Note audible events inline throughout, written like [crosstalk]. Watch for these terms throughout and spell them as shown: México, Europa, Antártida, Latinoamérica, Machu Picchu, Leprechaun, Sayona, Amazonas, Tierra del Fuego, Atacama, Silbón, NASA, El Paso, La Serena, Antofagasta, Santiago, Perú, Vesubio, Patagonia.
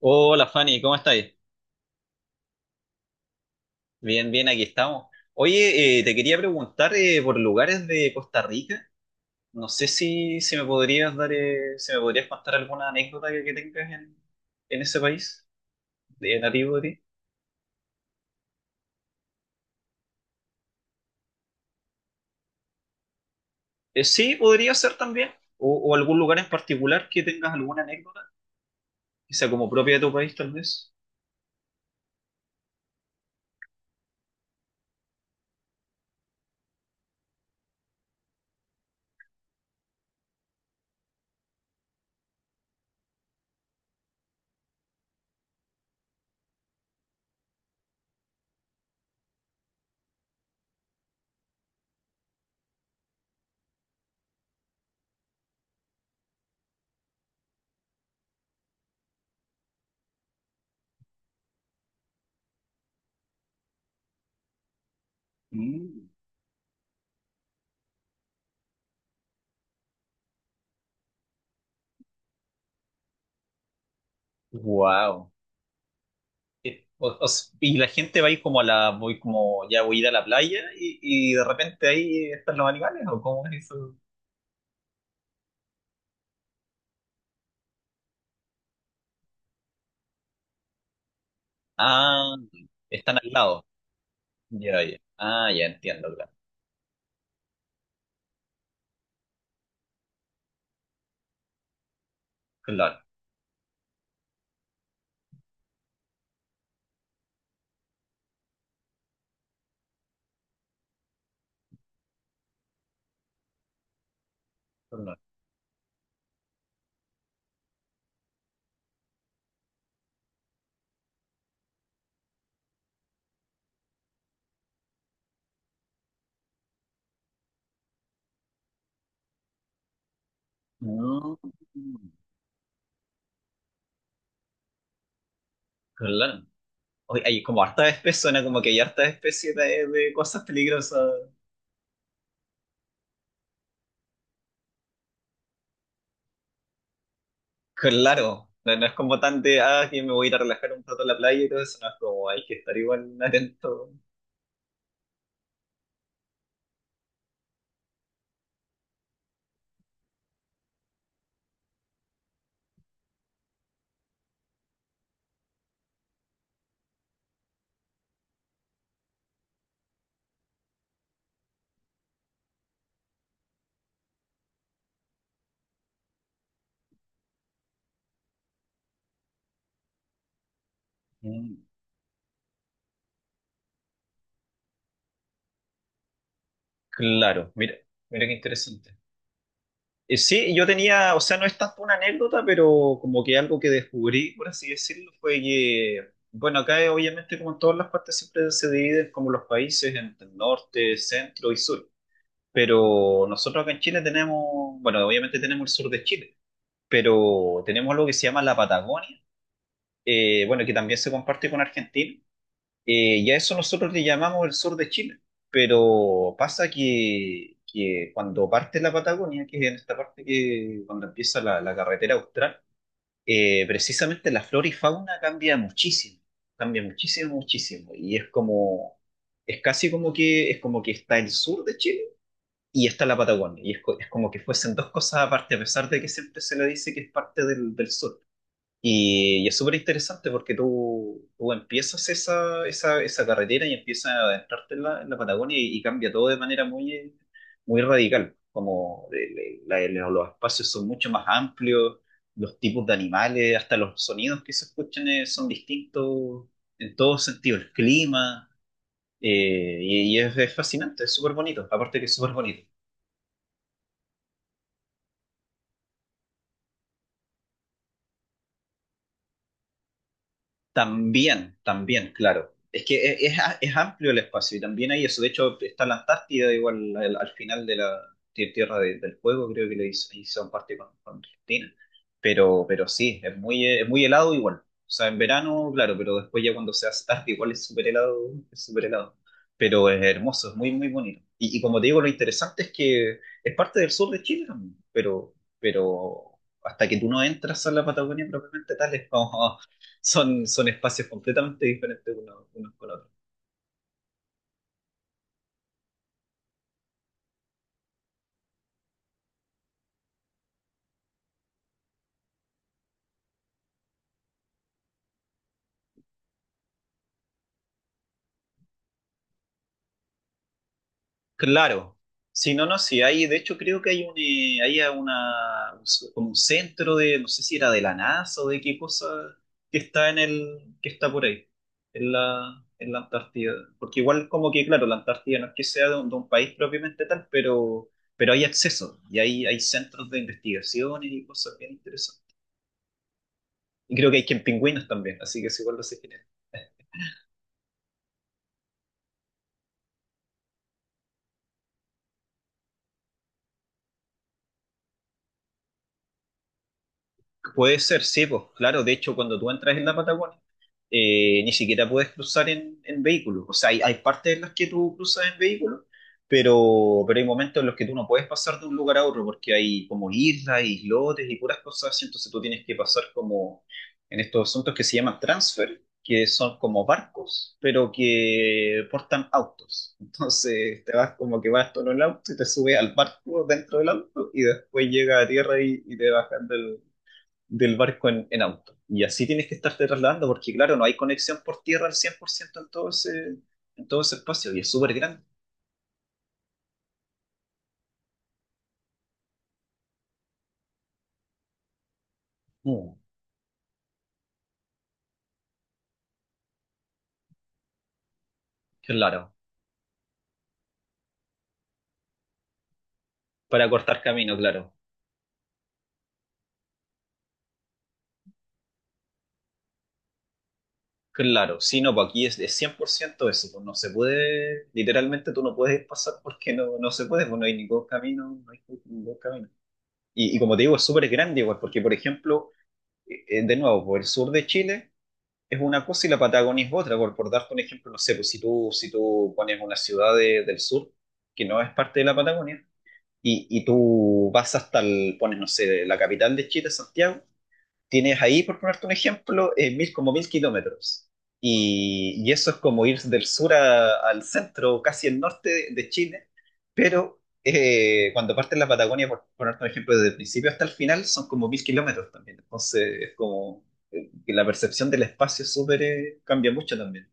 Hola Fanny, ¿cómo estáis? Bien, bien, aquí estamos. Oye, te quería preguntar por lugares de Costa Rica. No sé si me podrías dar, si me podrías contar alguna anécdota que tengas en ese país, de nativo de ti. Sí, podría ser también. O algún lugar en particular que tengas alguna anécdota, que sea como propia de tu país, tal vez. Mm. Wow. Y la gente va ahí como a la, voy como, ya voy a ir a la playa y de repente ahí están los animales, ¿o cómo es eso? Ah, están al lado. Ya, ya. Ah, ya entiendo, claro. Claro, claro. Mm, claro. Oye, hay como hartas especies, suena como que hay hartas especies de cosas peligrosas. Claro. No, no es como tan de, ah, que me voy a ir a relajar un rato a la playa y todo eso. No es como, hay que estar igual atento. Mm, claro, mira, mira qué interesante. Sí, yo tenía, o sea, no es tanto una anécdota, pero como que algo que descubrí, por así decirlo, fue que, bueno, acá obviamente como en todas las partes siempre se dividen como los países en norte, centro y sur, pero nosotros acá en Chile tenemos, bueno, obviamente tenemos el sur de Chile, pero tenemos lo que se llama la Patagonia, bueno, que también se comparte con Argentina, y a eso nosotros le llamamos el sur de Chile. Pero pasa que cuando parte la Patagonia, que es en esta parte que cuando empieza la, carretera austral, precisamente la flora y fauna cambia muchísimo, muchísimo. Y es como, es casi como que, es como que está el sur de Chile y está la Patagonia. Y es como que fuesen dos cosas aparte, a pesar de que siempre se le dice que es parte del sur. Y es súper interesante porque tú empiezas esa carretera y empiezas a adentrarte en la Patagonia y cambia todo de manera muy, muy radical. Como los espacios son mucho más amplios, los tipos de animales, hasta los sonidos que se escuchan son distintos en todos sentidos, el clima, y es fascinante, es súper bonito, aparte que es súper bonito. También, también, claro. Es que es amplio el espacio y también hay eso. De hecho, está la Antártida igual al final de la Tierra del Fuego, creo que le hizo parte con Argentina. Pero sí, es muy helado igual. O sea, en verano, claro, pero después ya cuando se hace tarde igual es súper helado, es súper helado. Pero es hermoso, es muy, muy bonito. Y como te digo, lo interesante es que es parte del sur de Chile también, pero hasta que tú no entras a la Patagonia propiamente tal, es como son espacios completamente diferentes unos con otros. Claro, si no, no, sí, hay, de hecho creo que hay un, hay una, un s- como un centro de, no sé si era de la NASA o de qué cosa, que está por ahí, en la, Antártida. Porque igual como que, claro, la Antártida no es que sea de un país propiamente tal, pero hay acceso y hay centros de investigación y cosas bien interesantes. Y creo que hay que en pingüinos también, así que es igual lo sé. Puede ser, sí, pues claro, de hecho cuando tú entras en la Patagonia, ni siquiera puedes cruzar en vehículo. O sea, hay partes en las que tú cruzas en vehículo, pero hay momentos en los que tú no puedes pasar de un lugar a otro porque hay como islas, islotes y puras cosas así. Entonces tú tienes que pasar como en estos asuntos que se llaman transfer, que son como barcos, pero que portan autos. [laughs] Entonces te vas como que vas todo en el auto y te subes al barco dentro del auto y después llega a tierra y te bajas del barco en auto. Y así tienes que estarte trasladando, porque claro, no hay conexión por tierra al 100% en todo ese espacio, y es súper grande. Mm, claro, para cortar camino, claro. Claro, sí, no, pues aquí es de 100% eso, pues no se puede, literalmente tú no puedes pasar porque no, no se puede, pues no hay ningún camino, no hay ningún camino. Y como te digo, es súper grande igual, porque por ejemplo, de nuevo, por el sur de Chile, es una cosa y la Patagonia es otra. Por darte un ejemplo, no sé, pues si tú pones una ciudad del sur que no es parte de la Patagonia y tú vas pones, no sé, la capital de Chile, Santiago, tienes ahí, por ponerte un ejemplo, como mil kilómetros. Y eso es como ir del sur al centro, casi el norte de Chile, pero cuando partes la Patagonia, por ponerte un ejemplo, desde el principio hasta el final, son como 1000 kilómetros también. Entonces es como que la percepción del espacio es súper cambia mucho también.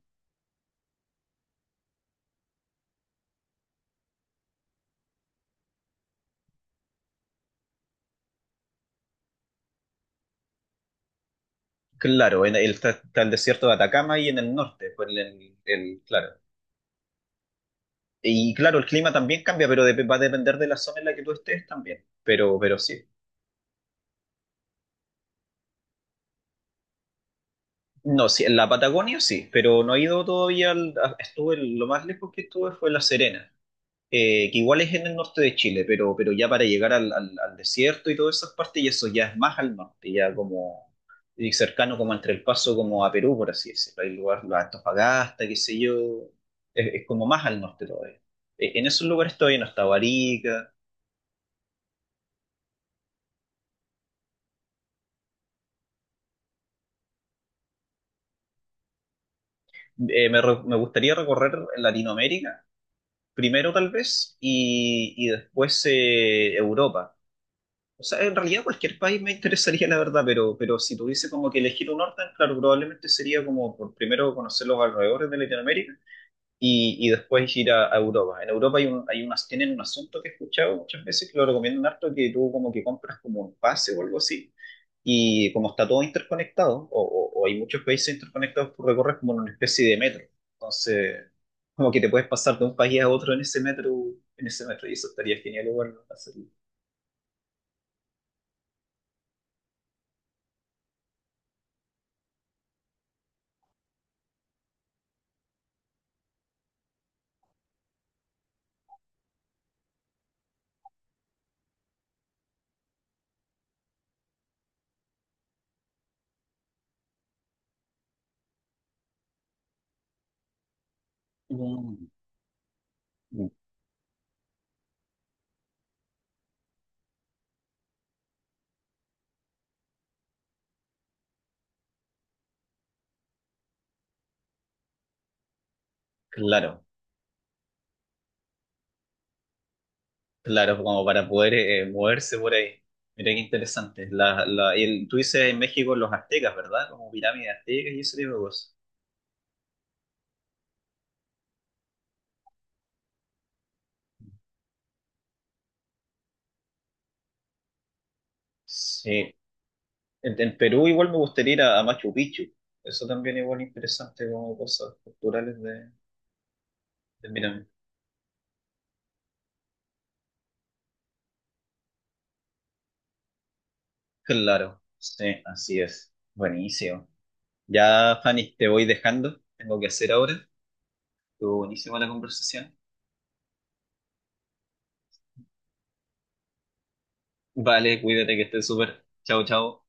Claro, en el, está el desierto de Atacama y en el norte, pues, claro. Y claro, el clima también cambia, pero va a depender de la zona en la que tú estés también. Pero sí. No, sí, en la Patagonia sí, pero no he ido todavía. Estuve, lo más lejos que estuve fue La Serena, que igual es en el norte de Chile, pero ya para llegar al desierto y todas esas partes, y eso ya es más al norte, ya como y cercano como entre El Paso como a Perú, por así decirlo. Hay lugar, la Antofagasta, qué sé yo, es como más al norte todavía. En esos lugares todavía no está Barica. Me gustaría recorrer Latinoamérica primero tal vez y después Europa. O sea, en realidad cualquier país me interesaría, la verdad, pero si tuviese como que elegir un orden, claro, probablemente sería como por primero conocer los alrededores de Latinoamérica y después ir a Europa. En Europa hay un, hay unas, tienen un asunto que he escuchado muchas veces que lo recomiendan harto, que tú como que compras como un pase o algo así, y como está todo interconectado, o hay muchos países interconectados, tú recorres como en una especie de metro. Entonces, como que te puedes pasar de un país a otro en ese metro, y eso estaría genial igual ¿no? hacerlo. Mm. Claro, claro, como para poder moverse por ahí. Mira qué interesante. Tú dices en México los aztecas, ¿verdad? Como pirámides aztecas y ese tipo de cosas. Sí. En Perú igual me gustaría ir a Machu Picchu. Eso también igual interesante como cosas culturales de pirámides. Claro, sí, así es. Buenísimo. Ya, Fanny, te voy dejando. Tengo que hacer ahora. Estuvo buenísima la conversación. Vale, cuídate que estés súper. Chao, chao.